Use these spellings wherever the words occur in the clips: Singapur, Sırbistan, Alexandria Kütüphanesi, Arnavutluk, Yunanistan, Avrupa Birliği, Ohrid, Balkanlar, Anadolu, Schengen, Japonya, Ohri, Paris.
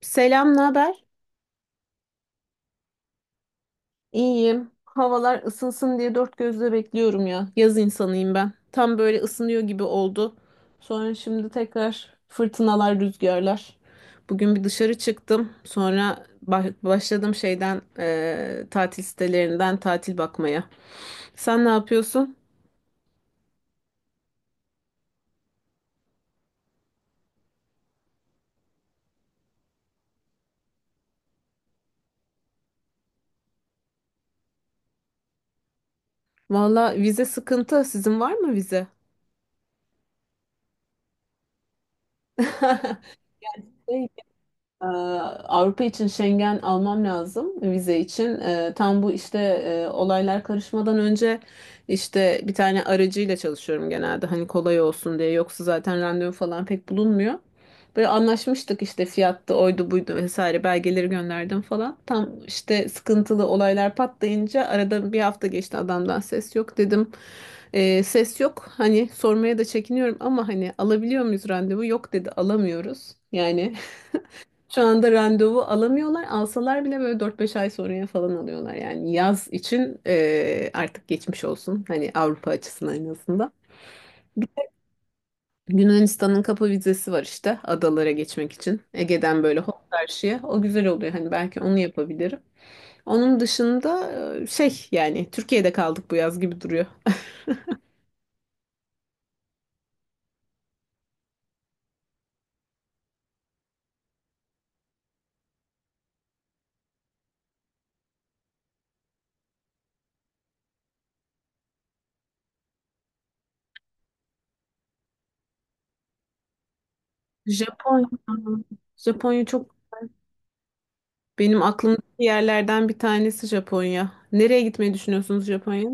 Selam, ne haber? İyiyim. Havalar ısınsın diye dört gözle bekliyorum ya. Yaz insanıyım ben. Tam böyle ısınıyor gibi oldu. Sonra şimdi tekrar fırtınalar, rüzgarlar. Bugün bir dışarı çıktım. Sonra başladım şeyden tatil sitelerinden tatil bakmaya. Sen ne yapıyorsun? Valla vize sıkıntı. Sizin var mı vize? Şey, Ee, Avrupa için Schengen almam lazım vize için. Tam bu işte olaylar karışmadan önce işte bir tane aracıyla çalışıyorum genelde hani kolay olsun diye. Yoksa zaten randevu falan pek bulunmuyor. Böyle anlaşmıştık işte fiyattı oydu buydu vesaire belgeleri gönderdim falan. Tam işte sıkıntılı olaylar patlayınca arada bir hafta geçti adamdan ses yok dedim. Ses yok hani sormaya da çekiniyorum ama hani alabiliyor muyuz randevu? Yok dedi alamıyoruz. Yani şu anda randevu alamıyorlar. Alsalar bile böyle dört beş ay sonraya falan alıyorlar. Yani yaz için artık geçmiş olsun. Hani Avrupa açısından en azından. Yunanistan'ın kapı vizesi var işte adalara geçmek için. Ege'den böyle hop karşıya. O güzel oluyor. Hani belki onu yapabilirim. Onun dışında şey yani Türkiye'de kaldık bu yaz gibi duruyor. Japonya. Japonya çok benim aklımdaki yerlerden bir tanesi Japonya. Nereye gitmeyi düşünüyorsunuz Japonya'ya?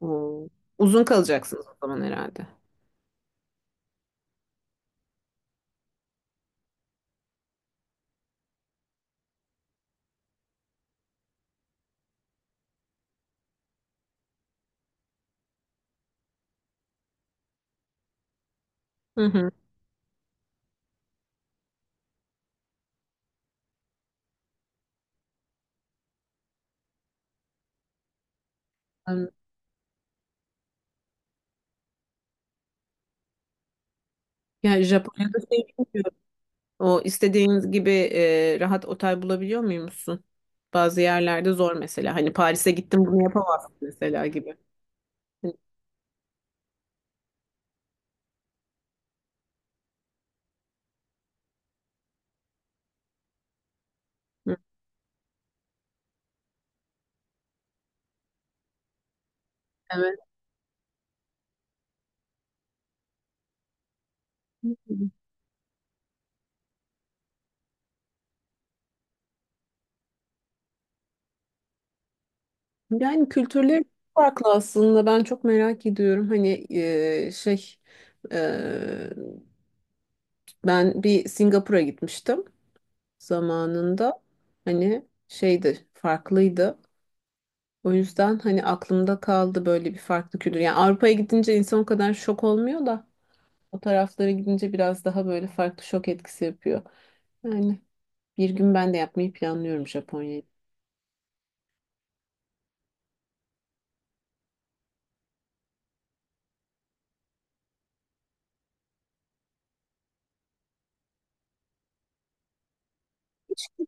Oo. Uzun kalacaksınız o zaman herhalde. Hı hı. Ben- Yani Japonya'da şey bilmiyorum. O istediğiniz gibi rahat otel bulabiliyor muymuşsun? Bazı yerlerde zor mesela. Hani Paris'e gittim bunu yapamazsın mesela gibi. Hı, hı. Evet. Yani kültürleri farklı aslında. Ben çok merak ediyorum. Hani şey e, ben bir Singapur'a gitmiştim zamanında. Hani şeydi farklıydı. O yüzden hani aklımda kaldı böyle bir farklı kültür. Yani Avrupa'ya gidince insan o kadar şok olmuyor da o taraflara gidince biraz daha böyle farklı şok etkisi yapıyor. Yani bir gün ben de yapmayı planlıyorum Japonya'yı.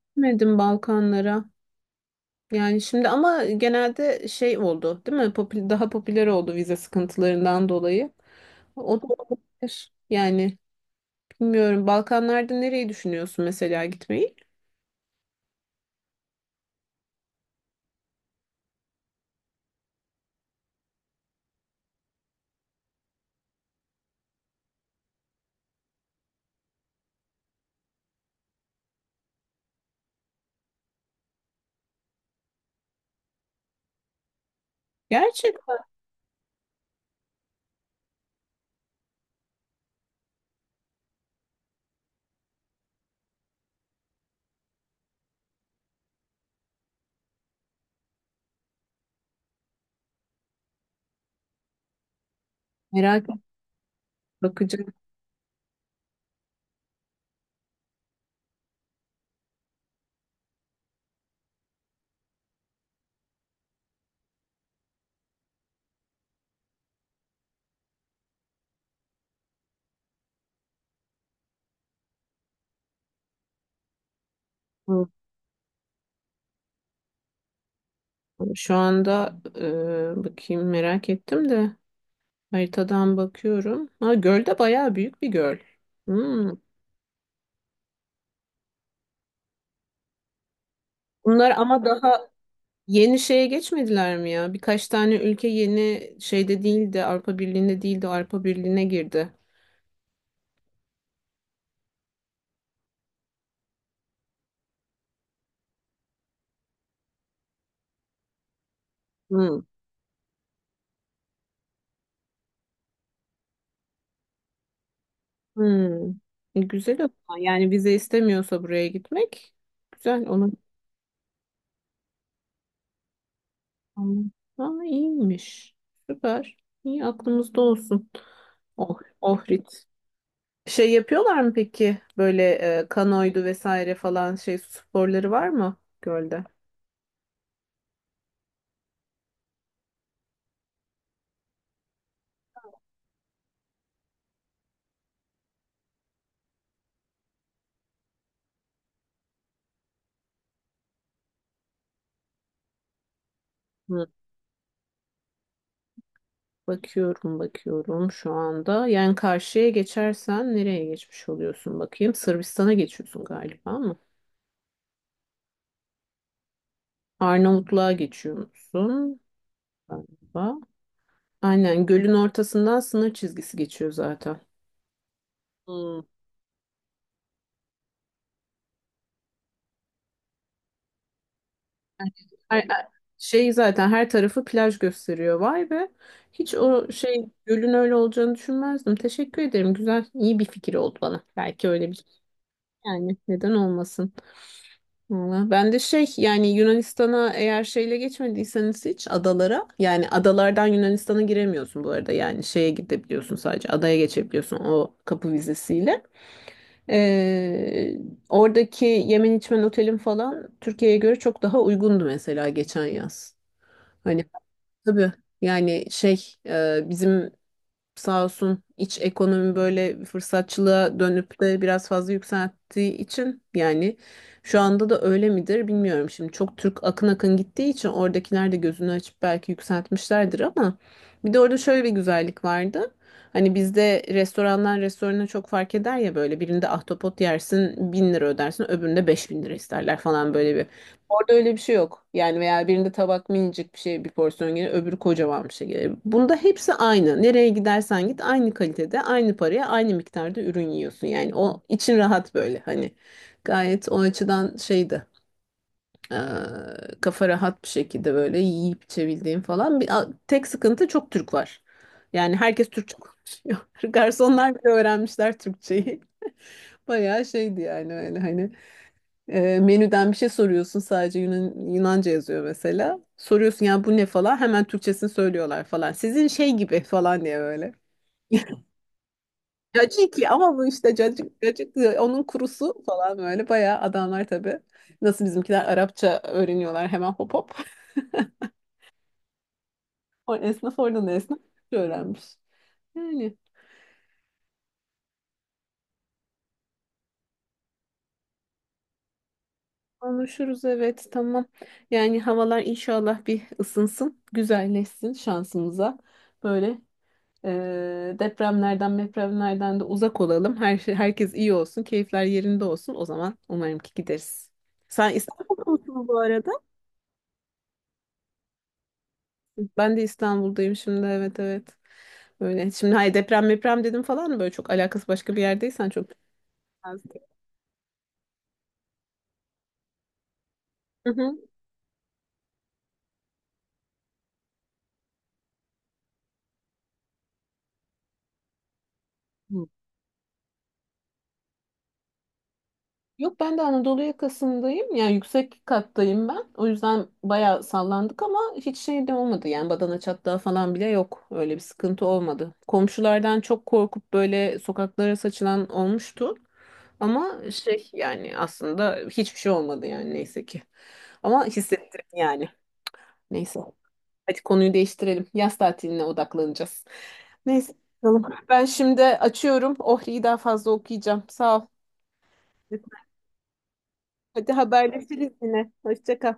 Gitmedim Balkanlara. Yani şimdi ama genelde şey oldu, değil mi? Daha popüler oldu vize sıkıntılarından dolayı. O da olabilir. Yani bilmiyorum. Balkanlarda nereyi düşünüyorsun mesela gitmeyi? Gerçekten merak ettim. Bakacağım. Şu anda bakayım merak ettim de haritadan bakıyorum. Ha, göl de bayağı büyük bir göl. Hmm. Bunlar ama daha yeni şeye geçmediler mi ya? Birkaç tane ülke yeni şeyde değildi, Avrupa Birliği'nde değildi, Avrupa Birliği'ne girdi. Hmm. Hmm. E, güzel o zaman. Yani vize istemiyorsa buraya gitmek güzel. Onu Aa iyiymiş. Süper. İyi aklımızda olsun. Oh, Ohrid. Şey yapıyorlar mı peki? Böyle kanoydu vesaire falan şey sporları var mı gölde? Hı. Bakıyorum bakıyorum şu anda. Yani karşıya geçersen nereye geçmiş oluyorsun bakayım. Sırbistan'a geçiyorsun galiba mı? Arnavutluğa geçiyorsun galiba. Aynen gölün ortasından sınır çizgisi geçiyor zaten. Hmm. Ay- ay- Şey zaten her tarafı plaj gösteriyor. Vay be. Hiç o şey gölün öyle olacağını düşünmezdim. Teşekkür ederim. Güzel, iyi bir fikir oldu bana. Belki öyle bir şey. Yani neden olmasın. Valla ben de şey yani Yunanistan'a eğer şeyle geçmediyseniz hiç adalara yani adalardan Yunanistan'a giremiyorsun bu arada. Yani şeye gidebiliyorsun sadece adaya geçebiliyorsun o kapı vizesiyle. Ee, Oradaki yemen içmen otelin falan Türkiye'ye göre çok daha uygundu mesela geçen yaz. Hani tabii yani şey bizim sağ olsun iç ekonomi böyle fırsatçılığa dönüp de biraz fazla yükselttiği için yani şu anda da öyle midir bilmiyorum. Şimdi çok Türk akın akın gittiği için oradakiler de gözünü açıp belki yükseltmişlerdir ama bir de orada şöyle bir güzellik vardı. Hani bizde restorandan restorana çok fark eder ya böyle birinde ahtapot yersin bin lira ödersin öbüründe beş bin lira isterler falan böyle bir Orada öyle bir şey yok. Yani veya birinde tabak minicik bir şey bir porsiyon gelir, öbürü kocaman bir şey gelir. Bunda hepsi aynı. Nereye gidersen git aynı kalitede, aynı paraya, aynı miktarda ürün yiyorsun. Yani o için rahat böyle hani. Gayet o açıdan şeydi. eee, Kafa rahat bir şekilde böyle yiyip içebildiğim falan. Bir, tek sıkıntı çok Türk var. Yani herkes Türkçe konuşuyor. Garsonlar bile öğrenmişler Türkçeyi. Bayağı şeydi yani öyle hani. E, menüden bir şey soruyorsun sadece Yunanca yazıyor mesela. Soruyorsun ya bu ne falan hemen Türkçesini söylüyorlar falan. Sizin şey gibi falan diye böyle. Caciki ama bu işte cacık, cacık onun kurusu falan böyle bayağı adamlar tabii. Nasıl bizimkiler Arapça öğreniyorlar hemen hop hop. O esnaf oradan da esnaf öğrenmiş. Yani konuşuruz evet tamam. Yani havalar inşallah bir ısınsın, güzelleşsin şansımıza. Böyle depremlerden, mepremlerden de uzak olalım. Her şey, herkes iyi olsun, keyifler yerinde olsun. O zaman umarım ki gideriz. Sen İstanbul'da musun bu arada? Ben de İstanbul'dayım şimdi. Evet, evet. Böyle. Şimdi hayır deprem, deprem dedim falan böyle çok alakası başka bir yerdeysen çok. Hı hı. Yok ben de Anadolu yakasındayım. Yani yüksek kattayım ben. O yüzden bayağı sallandık ama hiç şey de olmadı. Yani badana çatlağı falan bile yok. Öyle bir sıkıntı olmadı. Komşulardan çok korkup böyle sokaklara saçılan olmuştu. Ama şey yani aslında hiçbir şey olmadı yani neyse ki. Ama hissettim yani. Neyse. Hadi konuyu değiştirelim. Yaz tatiline odaklanacağız. Neyse. Bakalım. Ben şimdi açıyorum. Ohri'yi daha fazla okuyacağım. Sağ ol. Hadi haberleşiriz yine. Hoşça kal.